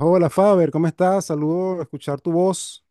Hola Faber, ¿cómo estás? Saludo, escuchar tu voz.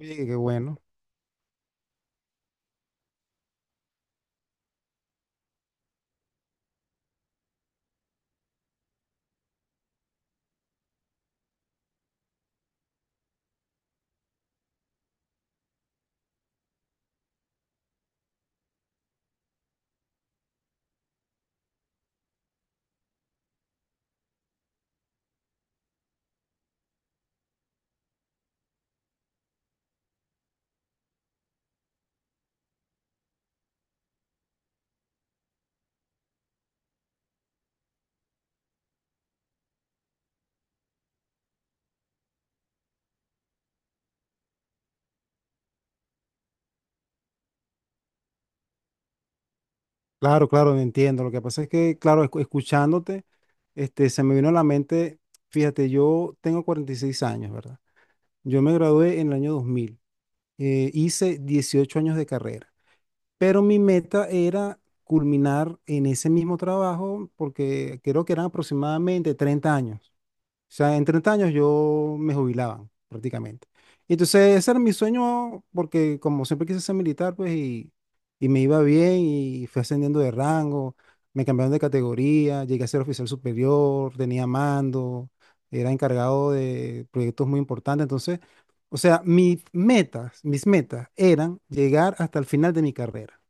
Oye, qué bueno. Claro, claro, entiendo. Lo que pasa es que, claro, escuchándote, este, se me vino a la mente, fíjate, yo tengo 46 años, ¿verdad? Yo me gradué en el año 2000. Hice 18 años de carrera, pero mi meta era culminar en ese mismo trabajo porque creo que eran aproximadamente 30 años. O sea, en 30 años yo me jubilaba prácticamente. Y entonces ese era mi sueño porque como siempre quise ser militar, pues y me iba bien y fui ascendiendo de rango, me cambiaron de categoría, llegué a ser oficial superior, tenía mando, era encargado de proyectos muy importantes. Entonces, o sea, mis metas eran llegar hasta el final de mi carrera,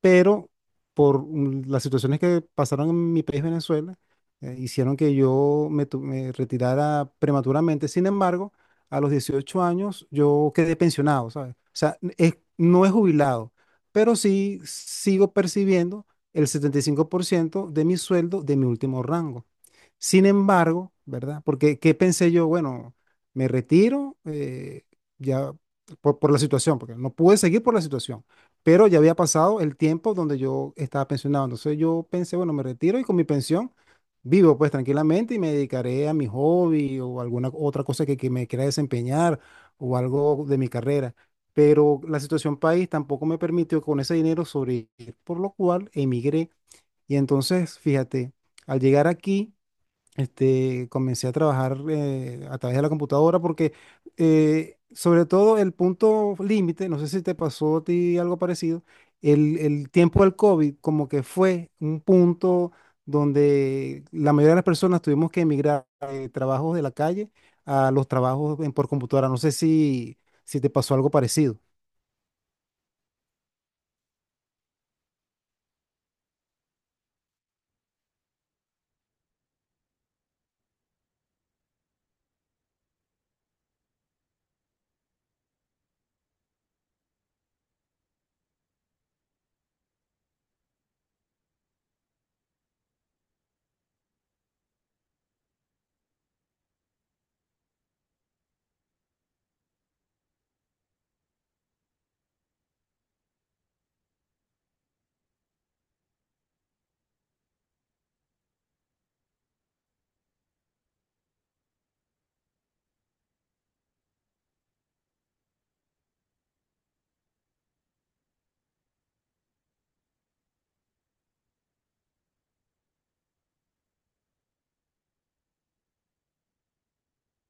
pero por las situaciones que pasaron en mi país, Venezuela, hicieron que yo me retirara prematuramente. Sin embargo, a los 18 años yo quedé pensionado, ¿sabes? O sea, no he jubilado, pero sí sigo percibiendo el 75% de mi sueldo de mi último rango. Sin embargo, ¿verdad? Porque, ¿qué pensé yo? Bueno, me retiro ya por la situación, porque no pude seguir por la situación, pero ya había pasado el tiempo donde yo estaba pensionado. Entonces yo pensé, bueno, me retiro y con mi pensión vivo pues tranquilamente y me dedicaré a mi hobby o alguna otra cosa que me quiera desempeñar o algo de mi carrera. Pero la situación país tampoco me permitió con ese dinero sobrevivir, por lo cual emigré. Y entonces, fíjate, al llegar aquí este, comencé a trabajar a través de la computadora porque sobre todo el punto límite, no sé si te pasó a ti algo parecido, el tiempo del COVID como que fue un punto donde la mayoría de las personas tuvimos que emigrar de trabajos de la calle a los trabajos por computadora. No sé si, si te pasó algo parecido.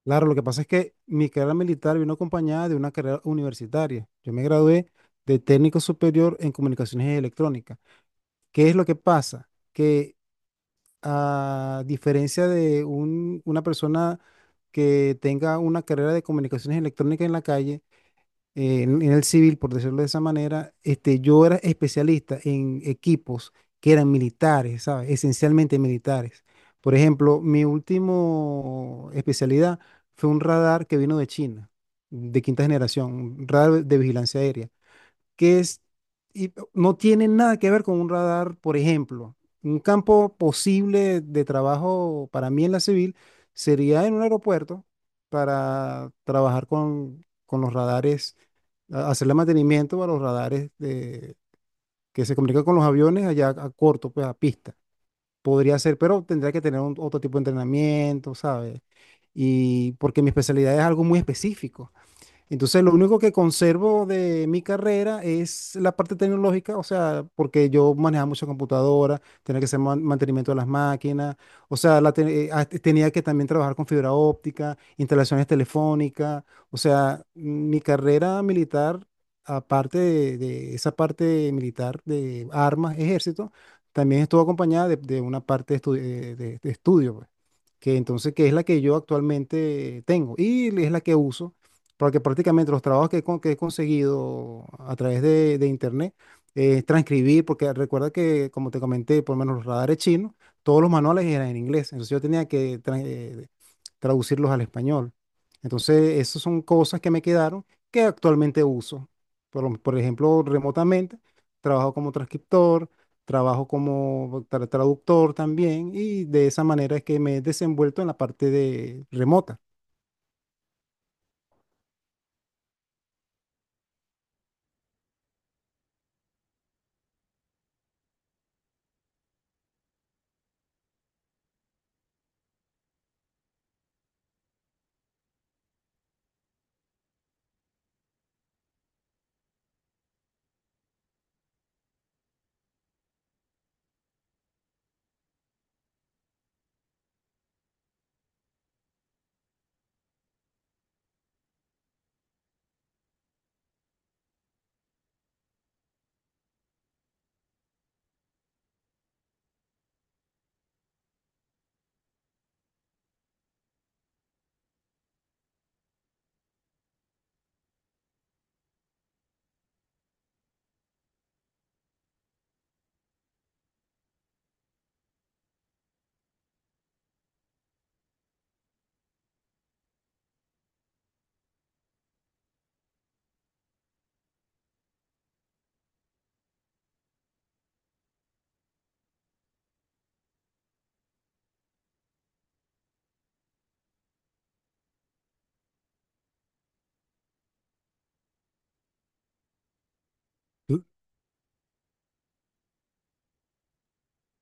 Claro, lo que pasa es que mi carrera militar vino acompañada de una carrera universitaria. Yo me gradué de técnico superior en comunicaciones electrónicas. ¿Qué es lo que pasa? Que a diferencia de una persona que tenga una carrera de comunicaciones electrónicas en la calle, en el civil, por decirlo de esa manera, este, yo era especialista en equipos que eran militares, ¿sabes? Esencialmente militares. Por ejemplo, mi último especialidad fue un radar que vino de China, de quinta generación, un radar de vigilancia aérea que es, y no tiene nada que ver con un radar, por ejemplo. Un campo posible de trabajo para mí en la civil sería en un aeropuerto para trabajar con los radares, hacerle mantenimiento a los radares que se comunican con los aviones allá a corto, pues a pista. Podría ser, pero tendría que tener otro tipo de entrenamiento, ¿sabes? Y porque mi especialidad es algo muy específico. Entonces, lo único que conservo de mi carrera es la parte tecnológica, o sea, porque yo manejaba mucha computadora, tenía que hacer mantenimiento de las máquinas, o sea, la te- ah, te- tenía que también trabajar con fibra óptica, instalaciones telefónicas, o sea, mi carrera militar, aparte de esa parte militar de armas, ejército, también estuvo acompañada de una parte de estudio, pues, que es la que yo actualmente tengo y es la que uso porque prácticamente los trabajos que, que he conseguido a través de internet es transcribir, porque recuerda que, como te comenté, por lo menos los radares chinos, todos los manuales eran en inglés, entonces yo tenía que traducirlos al español. Entonces, esas son cosas que me quedaron que actualmente uso. Por, por ejemplo, remotamente, trabajo como transcriptor, trabajo como traductor también, y de esa manera es que me he desenvuelto en la parte de remota.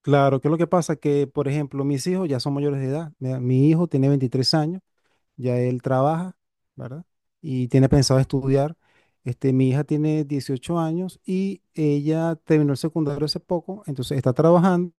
Claro, que lo que pasa que, por ejemplo, mis hijos ya son mayores de edad. Mira, mi hijo tiene 23 años, ya él trabaja, ¿verdad? Y tiene pensado estudiar. Este, mi hija tiene 18 años y ella terminó el secundario hace poco, entonces está trabajando,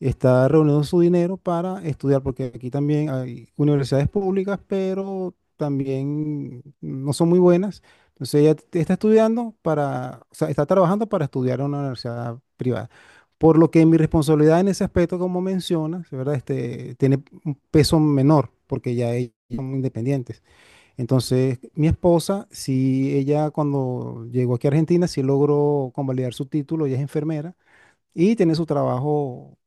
está reuniendo su dinero para estudiar, porque aquí también hay universidades públicas, pero también no son muy buenas. Entonces ella está estudiando para, o sea, está trabajando para estudiar en una universidad privada. Por lo que mi responsabilidad en ese aspecto, como mencionas, ¿verdad? Este, tiene un peso menor, porque ya ellos son independientes. Entonces, mi esposa, si ella cuando llegó aquí a Argentina, sí logró convalidar su título, ella es enfermera y tiene su trabajo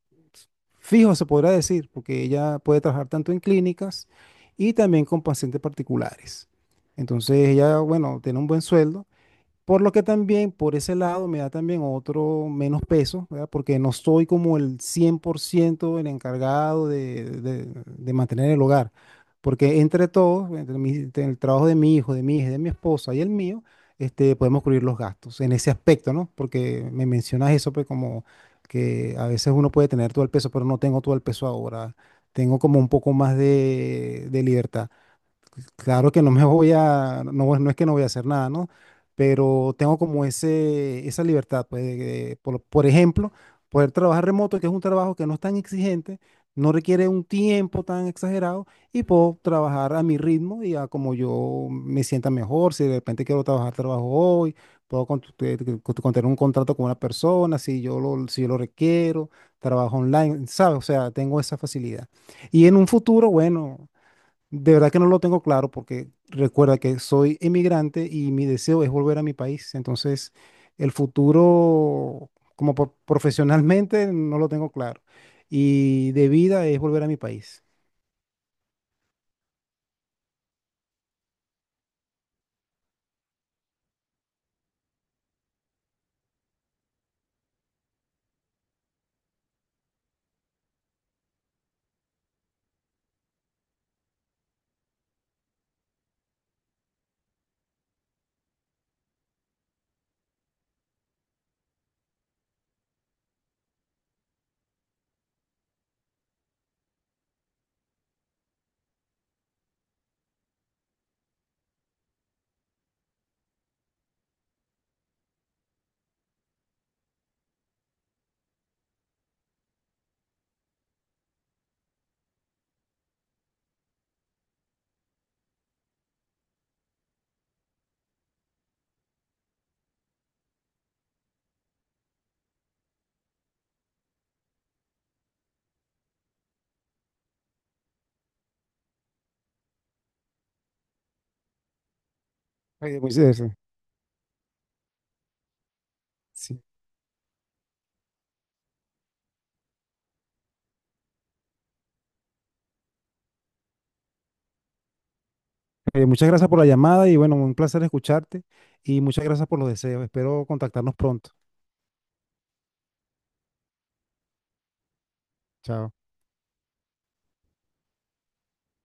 fijo, se podrá decir, porque ella puede trabajar tanto en clínicas y también con pacientes particulares. Entonces ella, bueno, tiene un buen sueldo por lo que también, por ese lado, me da también otro menos peso, ¿verdad? Porque no soy como el 100% el encargado de mantener el hogar. Porque entre todos, entre el trabajo de mi hijo, de mi hija, de mi esposa y el mío, este, podemos cubrir los gastos en ese aspecto, ¿no? Porque me mencionas eso, pues como que a veces uno puede tener todo el peso, pero no tengo todo el peso ahora. Tengo como un poco más de libertad. Claro que no me voy a, no, no es que no voy a hacer nada, ¿no? Pero tengo como ese, esa libertad, pues, por ejemplo, poder trabajar remoto, que es un trabajo que no es tan exigente, no requiere un tiempo tan exagerado y puedo trabajar a mi ritmo y a como yo me sienta mejor. Si de repente quiero trabajar, trabajo hoy, puedo tener un contrato con una persona, si yo lo, si yo lo requiero, trabajo online, ¿sabes? O sea, tengo esa facilidad. Y en un futuro, bueno. De verdad que no lo tengo claro porque recuerda que soy emigrante y mi deseo es volver a mi país. Entonces, el futuro como profesionalmente no lo tengo claro. Y de vida es volver a mi país. Oye, Moisés, sí. Oye, muchas gracias por la llamada y bueno, un placer escucharte y muchas gracias por los deseos. Espero contactarnos pronto. Chao.